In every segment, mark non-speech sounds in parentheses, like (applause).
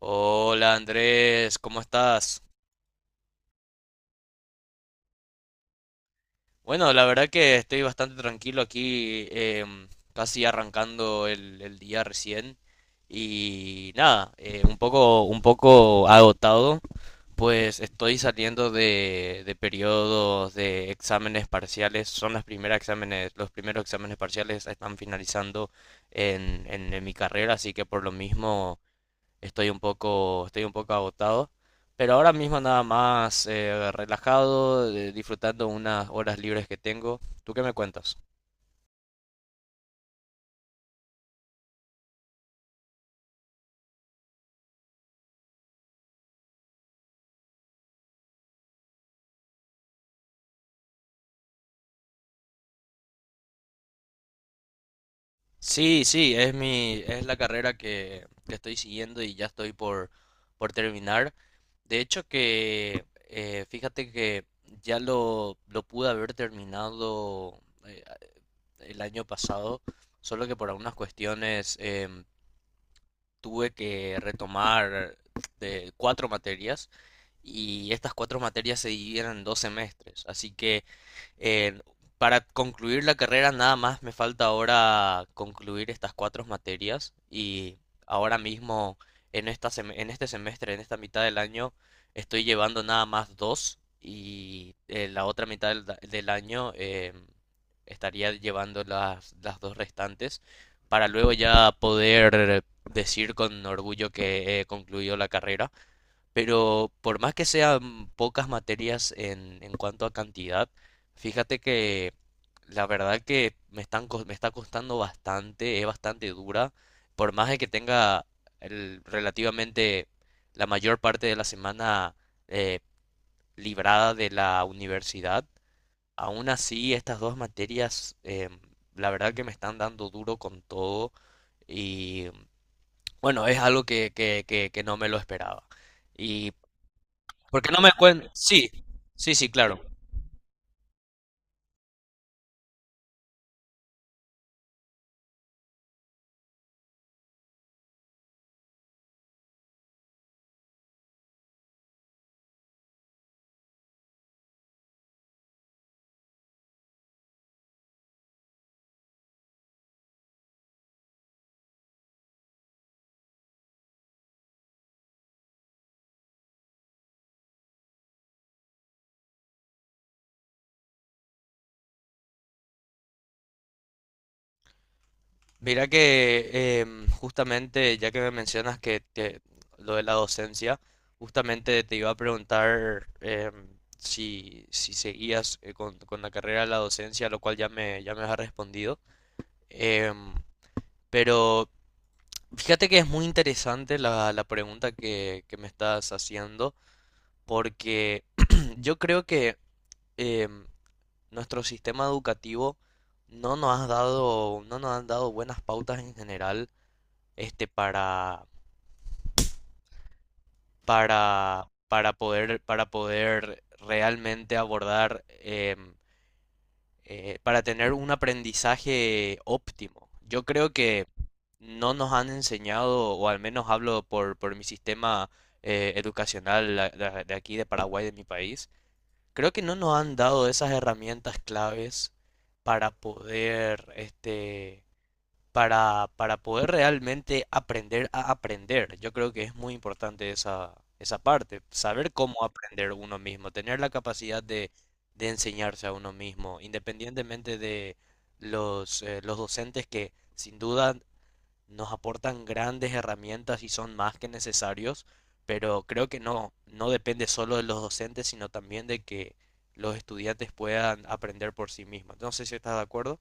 Hola Andrés, ¿cómo estás? Bueno, la verdad que estoy bastante tranquilo aquí, casi arrancando el día recién y nada, un poco agotado, pues estoy saliendo de periodos de exámenes parciales, son las primeras exámenes, los primeros exámenes parciales están finalizando en, en mi carrera, así que por lo mismo estoy un poco, estoy un poco agotado, pero ahora mismo nada más relajado, disfrutando unas horas libres que tengo. ¿Tú qué me cuentas? Sí, sí, es mi, es la carrera que estoy siguiendo y ya estoy por terminar. De hecho que, fíjate que ya lo pude haber terminado eh, el año pasado, solo que por algunas cuestiones tuve que retomar de cuatro materias y estas cuatro materias se dividieron en dos semestres. Así que eh, para concluir la carrera nada más me falta ahora concluir estas cuatro materias y ahora mismo en en este semestre, en esta mitad del año, estoy llevando nada más dos y la otra mitad del año estaría llevando las dos restantes para luego ya poder decir con orgullo que he concluido la carrera. Pero por más que sean pocas materias en cuanto a cantidad, fíjate que la verdad que me me está costando bastante, es bastante dura, por más de que tenga relativamente la mayor parte de la semana eh, librada de la universidad, aún así estas dos materias la verdad que me están dando duro con todo y bueno, es algo que no me lo esperaba. Y porque no me cuentas. Sí, sí, sí, claro. Mira que justamente, ya que me mencionas lo de la docencia, justamente te iba a preguntar si, si seguías con la carrera de la docencia, lo cual ya me has respondido. Em, pero fíjate que es muy interesante la, la pregunta que me estás haciendo, porque (clears throat) yo creo que em, nuestro sistema educativo no nos ha dado, no nos han dado buenas pautas en general, este, para poder realmente abordar, para tener un aprendizaje óptimo. Yo creo que no nos han enseñado, o al menos hablo por mi sistema educacional de aquí, de Paraguay, de mi país, creo que no nos han dado esas herramientas claves para poder, este, para poder realmente aprender a aprender. Yo creo que es muy importante esa, esa parte, saber cómo aprender uno mismo, tener la capacidad de enseñarse a uno mismo, independientemente de los docentes que sin duda nos aportan grandes herramientas y son más que necesarios, pero creo que no, no depende solo de los docentes, sino también de que los estudiantes puedan aprender por sí mismos. No sé si estás de acuerdo.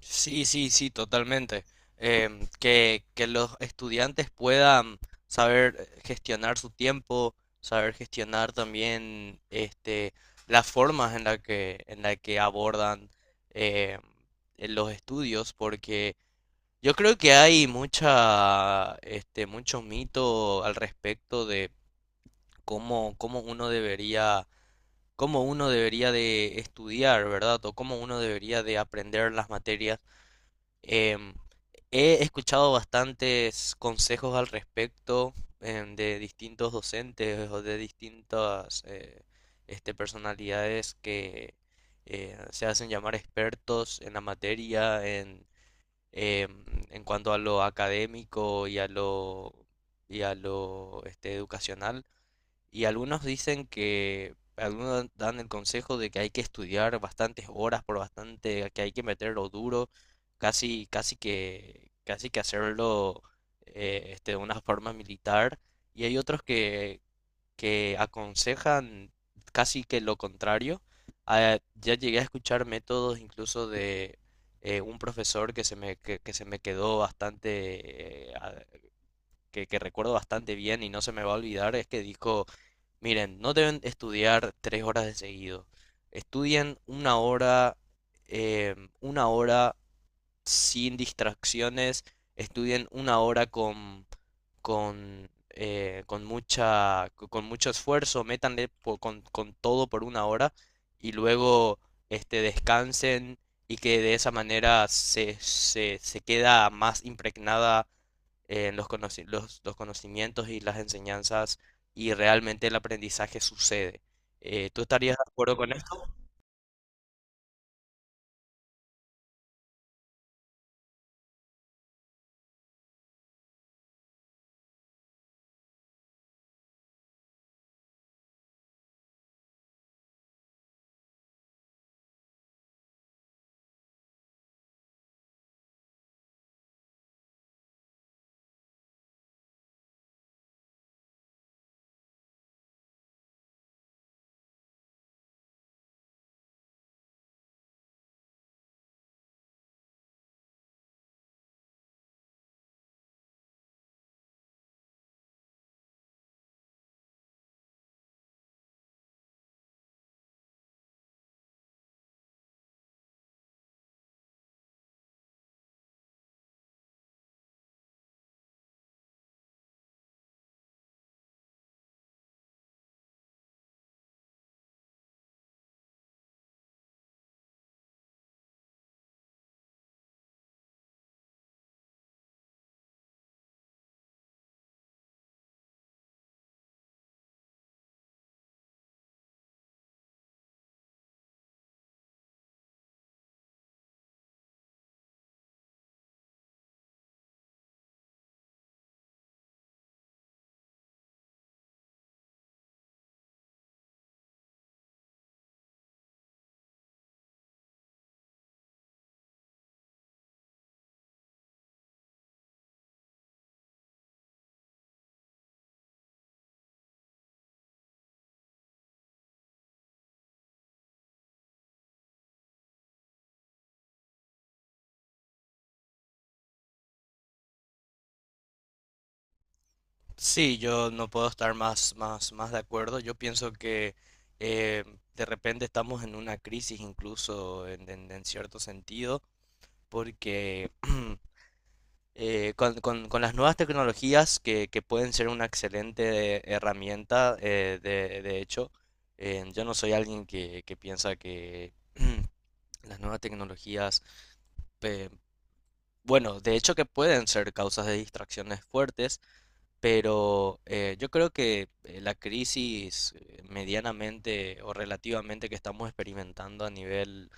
Sí, sí, sí, totalmente. Que los estudiantes puedan saber gestionar su tiempo, saber gestionar también este, las formas en la que abordan em, los estudios, porque yo creo que hay mucha, este, mucho mito al respecto de cómo, cómo uno debería de estudiar, ¿verdad? O cómo uno debería de aprender las materias. Em, He escuchado bastantes consejos al respecto de distintos docentes o de distintas este, personalidades que se hacen llamar expertos en la materia, en, em, en cuanto a lo académico y a lo este, educacional. Y algunos dicen que, algunos dan el consejo de que hay que estudiar bastantes horas por bastante, que hay que meterlo duro, casi, casi que hacerlo este, de una forma militar. Y hay otros que aconsejan casi que lo contrario. Ah, ya llegué a escuchar métodos incluso de un profesor que se me quedó bastante, que recuerdo bastante bien y no se me va a olvidar, es que dijo: miren, no deben estudiar tres horas de seguido. Estudien una hora, una hora sin distracciones. Estudien una hora con mucha, con mucho esfuerzo, con todo por una hora y luego este, descansen y que de esa manera se, se, se queda más impregnada en los, los conocimientos y las enseñanzas y realmente el aprendizaje sucede. ¿Tú estarías de acuerdo con eso? Sí, yo no puedo estar más, más, más de acuerdo. Yo pienso que eh, de repente estamos en una crisis incluso en, en cierto sentido, porque (clears throat) con, con las nuevas tecnologías que pueden ser una excelente herramienta, de hecho, yo no soy alguien que piensa que (clears throat) las nuevas tecnologías, eh, bueno, de hecho que pueden ser causas de distracciones fuertes, pero yo creo que la crisis medianamente o relativamente que estamos experimentando a nivel,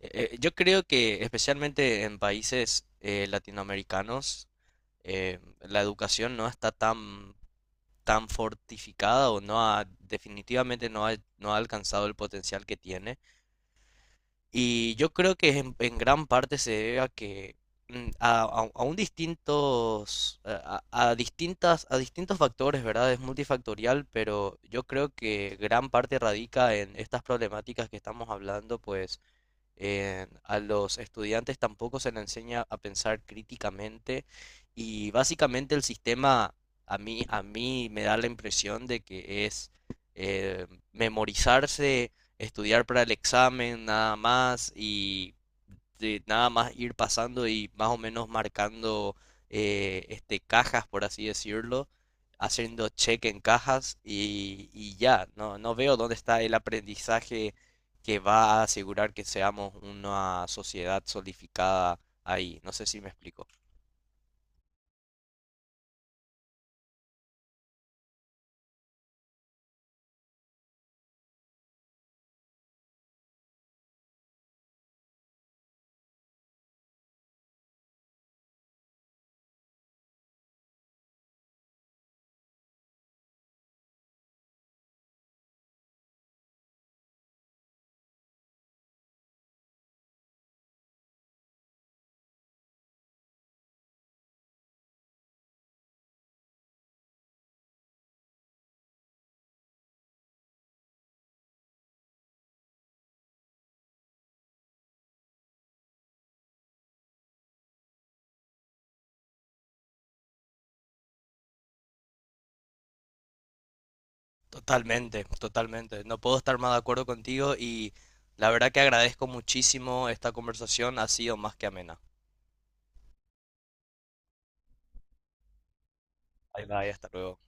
yo creo que especialmente en países latinoamericanos, la educación no está tan, tan fortificada o no ha, definitivamente no ha, no ha alcanzado el potencial que tiene. Y yo creo que en gran parte se debe a que mm, a, a un distintos a, a distintas a distintos factores, ¿verdad? Es multifactorial, pero yo creo que gran parte radica en estas problemáticas que estamos hablando, pues a los estudiantes tampoco se les enseña a pensar críticamente y básicamente el sistema a mí me da la impresión de que es memorizarse, estudiar para el examen nada más y de nada más ir pasando y más o menos marcando este, cajas, por así decirlo, haciendo check en cajas y ya, no, no veo dónde está el aprendizaje que va a asegurar que seamos una sociedad solidificada ahí. No sé si me explico. Totalmente, totalmente. No puedo estar más de acuerdo contigo y la verdad que agradezco muchísimo esta conversación. Ha sido más que amena. Bye bye, hasta luego.